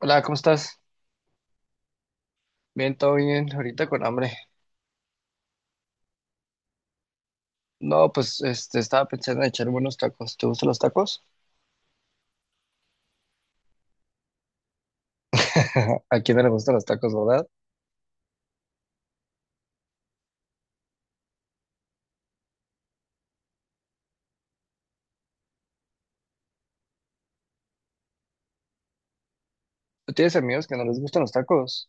Hola, ¿cómo estás? Bien, todo bien, ahorita con hambre. No, pues estaba pensando en echar unos tacos. ¿Te gustan los tacos? ¿A quién no le gustan los tacos, verdad? ¿Tú tienes amigos que no les gustan los tacos?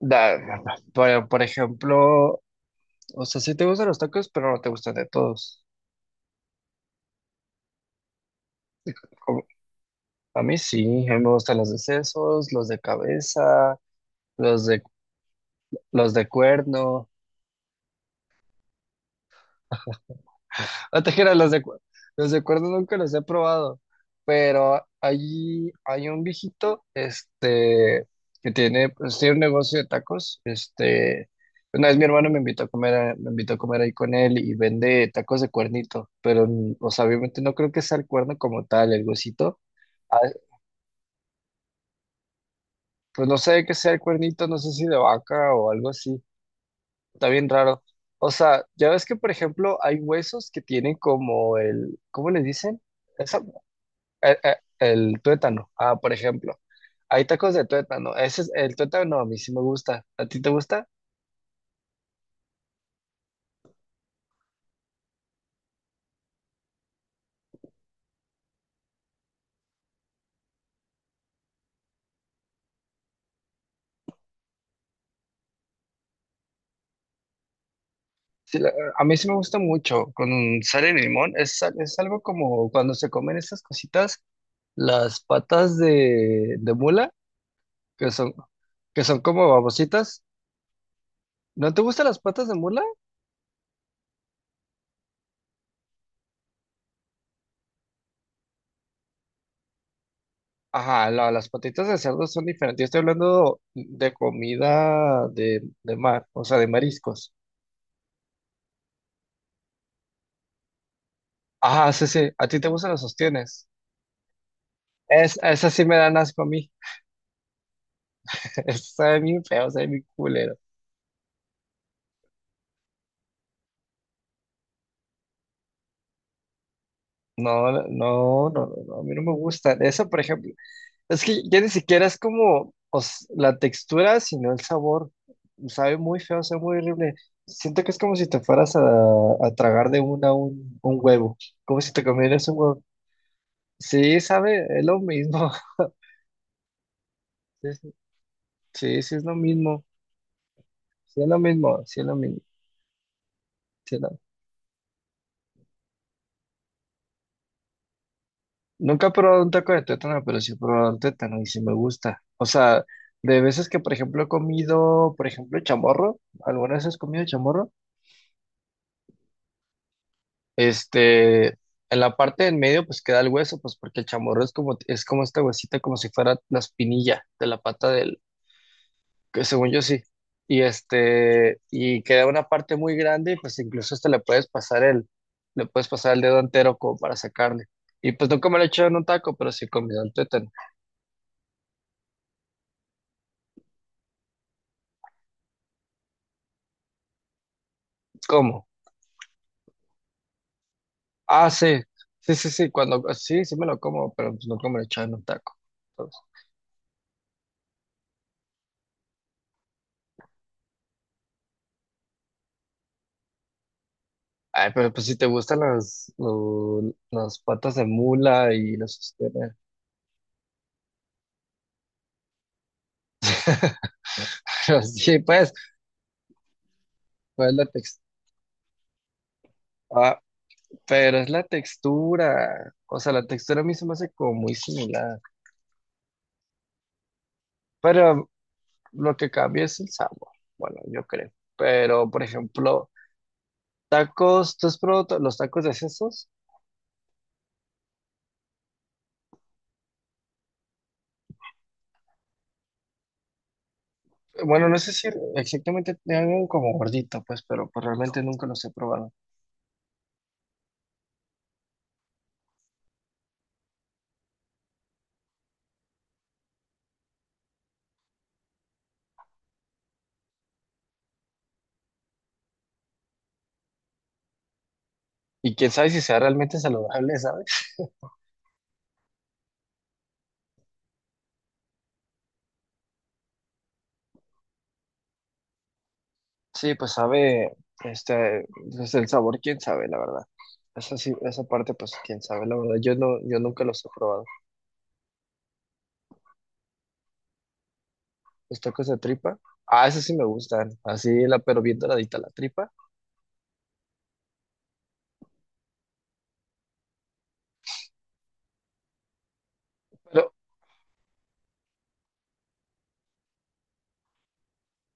Da, da, da. Por ejemplo, o sea, sí te gustan los tacos, pero no te gustan de todos. Como- A mí sí, a mí me gustan los de sesos, los de cabeza, los de, los de cuerno. No te creas, los de cuerda nunca los he probado, pero allí hay un viejito, que tiene, pues, tiene un negocio de tacos, una vez mi hermano me invitó a comer, me invitó a comer ahí con él y vende tacos de cuernito, pero, o sea, obviamente no creo que sea el cuerno como tal, el huesito. Ah, pues no sé qué sea el cuernito, no sé si de vaca o algo así, está bien raro. O sea, ya ves que, por ejemplo, hay huesos que tienen como el, ¿cómo le dicen? El tuétano, ah, por ejemplo. Hay tacos de tuétano. Ese es el tuétano, a mí sí me gusta. ¿A ti te gusta? Sí, a mí sí me gusta mucho con sal y limón. Es, es algo como cuando se comen esas cositas, las patas de mula, que son, que son como babositas. ¿No te gustan las patas de mula? Ajá, las patitas de cerdo son diferentes. Yo estoy hablando de comida de mar, o sea, de mariscos. Ajá, sí, sí. ¿A ti te gustan los sostienes? Es, esas sí me dan asco a mí. Eso sabe bien feo, sabe bien culero. No, no, no, no, no, a mí no me gusta. Eso, por ejemplo, es que ya ni siquiera es como la textura, sino el sabor. Sabe muy feo, sabe muy horrible. Siento que es como si te fueras a tragar de una un huevo. Como si te comieras un huevo. Sí, sabe, es lo mismo. Sí, sí, sí, sí es lo mismo. Sí es lo mismo, sí es lo mismo. Nunca he probado un taco de tuétano, pero sí he probado un tuétano y sí me gusta. O sea, de veces que, por ejemplo, he comido, por ejemplo, chamorro, algunas veces he comido chamorro, en la parte de en medio pues queda el hueso, pues porque el chamorro es como esta huesita, como si fuera la espinilla de la pata del, que según yo sí. Y y queda una parte muy grande y pues incluso hasta le puedes pasar le puedes pasar el dedo entero como para sacarle. Y pues nunca me lo he hecho en un taco, pero sí he comido el tuétano. ¿Cómo? Ah, sí, sí, sí, sí, cuando, sí, sí me lo como, pero pues nunca me lo he en un taco. Entonces, ay, pero pues si te gustan las patas de mula y los sostenes. Pero sí, pues, pues es la textura. Pero es la textura. O sea, la textura a mí se me hace como muy similar. Pero lo que cambia es el sabor. Bueno, yo creo. Pero, por ejemplo, tacos, ¿tú has probado los tacos de sesos? Bueno, no sé si exactamente algo como gordito, pues, pero pues realmente nunca los he probado. Y quién sabe si sea realmente saludable, ¿sabes? Sí, pues sabe, este, pues, el sabor, quién sabe, la verdad. Esa sí, esa parte, pues, quién sabe, la verdad. Yo no, yo nunca los he probado. Los tacos de tripa, ah, esos sí me gustan, así, la, pero bien doradita la tripa. Pero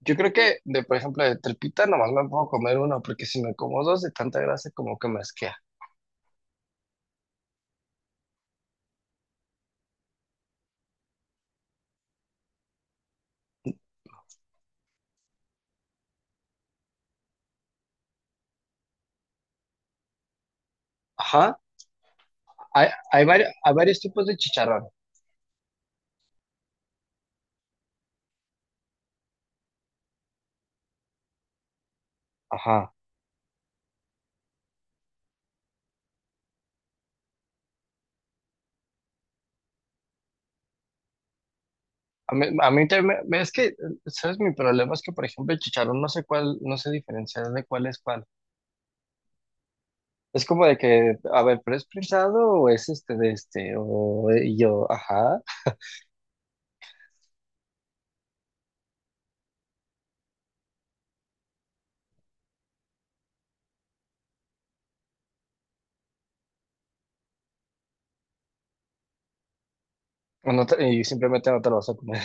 yo creo que, de, por ejemplo, de tripita nomás me puedo comer uno, porque si me como dos de tanta grasa, como que me asquea. Ajá, hay varios tipos de chicharrón. Ajá. A mí también, es que, ¿sabes? Mi problema es que, por ejemplo, el chicharrón no sé cuál, no sé diferenciar de cuál. Es como de que, a ver, ¿pero es prensado o es este de este? O y yo, ajá. O y simplemente no te lo vas a comer.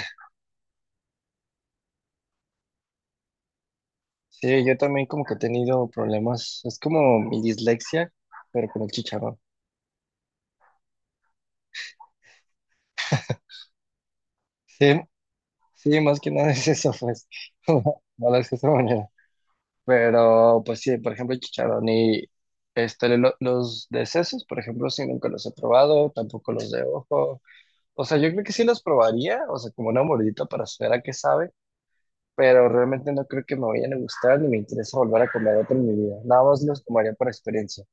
Sí, yo también como que he tenido problemas. Es como mi dislexia, pero con el chicharrón. Sí, sí, más que nada es eso, pues. No lo es de esa manera. Pero, pues sí, por ejemplo, chicharrón y los de sesos, por ejemplo, sí nunca los he probado, tampoco los de ojo. O sea, yo creo que sí los probaría, o sea, como una mordita para saber a qué sabe, pero realmente no creo que me vayan a gustar ni me interesa volver a comer otro en mi vida. Nada más los comería por experiencia.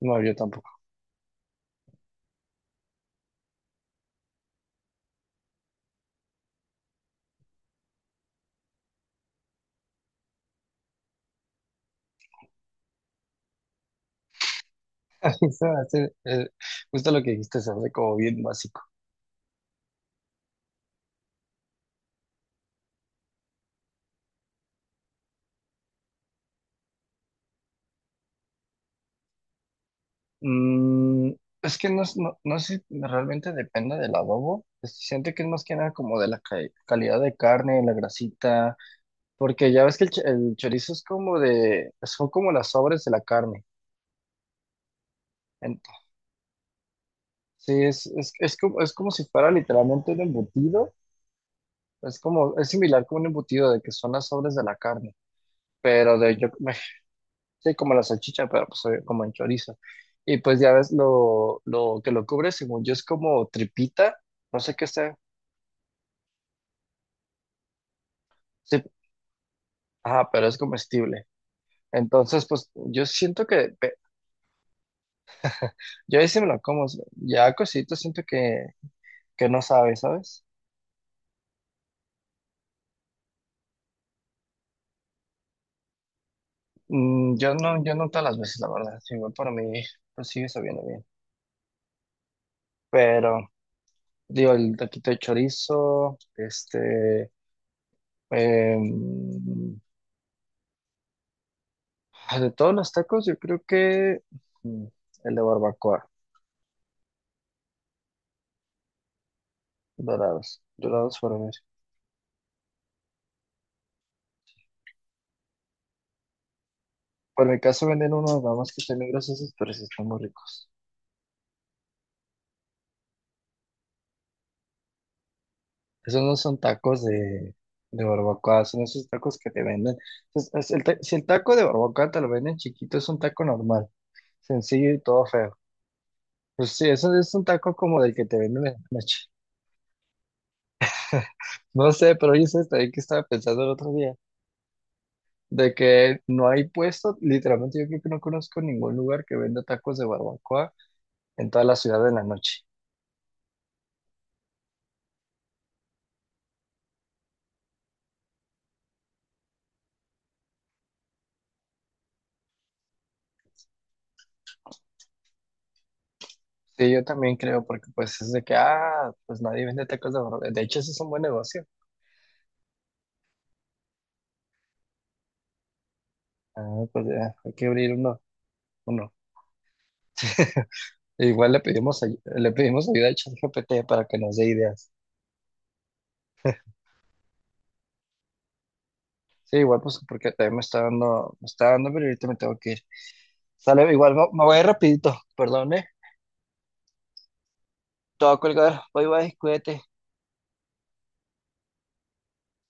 No, yo tampoco. Se me hace, justo lo que dijiste, se hace como bien básico. Mm, es que no, no, no sé, si realmente depende del adobo. Siento que es más que nada como de la calidad de carne, la grasita, porque ya ves que el chorizo es como de, son como las sobres de la carne. En- sí, es como si fuera literalmente un embutido. Es como, es similar como un embutido de que son las sobres de la carne, pero de, yo, me sí, como la salchicha, pero pues como en chorizo. Y pues ya ves lo que lo cubre, según yo, es como tripita, no sé qué sea. Sí, ah, pero es comestible. Entonces, pues yo siento que, yo ahí sí me lo como, ya cosito siento que no sabe, ¿sabes? Yo no, yo no todas las veces, la verdad, sí, igual para mí, pues sigue sabiendo bien. Pero, digo, el taquito de chorizo, em, de todos los tacos, yo creo que mm, el de barbacoa, dorados, dorados por mí. Por mi caso venden unos, nada más que están muy grasosos, pero sí están muy ricos. Esos no son tacos de barbacoa, son esos tacos que te venden. Si el taco de barbacoa te lo venden chiquito, es un taco normal, sencillo y todo feo. Pues sí, eso es un taco como del que te venden en la noche. No sé, pero yo sé también que estaba pensando el otro día, de que no hay puesto, literalmente yo creo que no conozco ningún lugar que venda tacos de barbacoa en toda la ciudad en la noche. Sí, yo también creo, porque pues es de que, ah, pues nadie vende tacos de barbacoa. De hecho, ese es un buen negocio. Ah, pues ya, hay que abrir uno. Uno. E igual le pedimos, le pedimos ayuda a ChatGPT para que nos dé ideas. Sí, igual pues porque también me está dando, pero ahorita me tengo que ir. Sale, igual me voy rapidito, perdón, eh. Te voy a colgar. Bye bye, cuídate.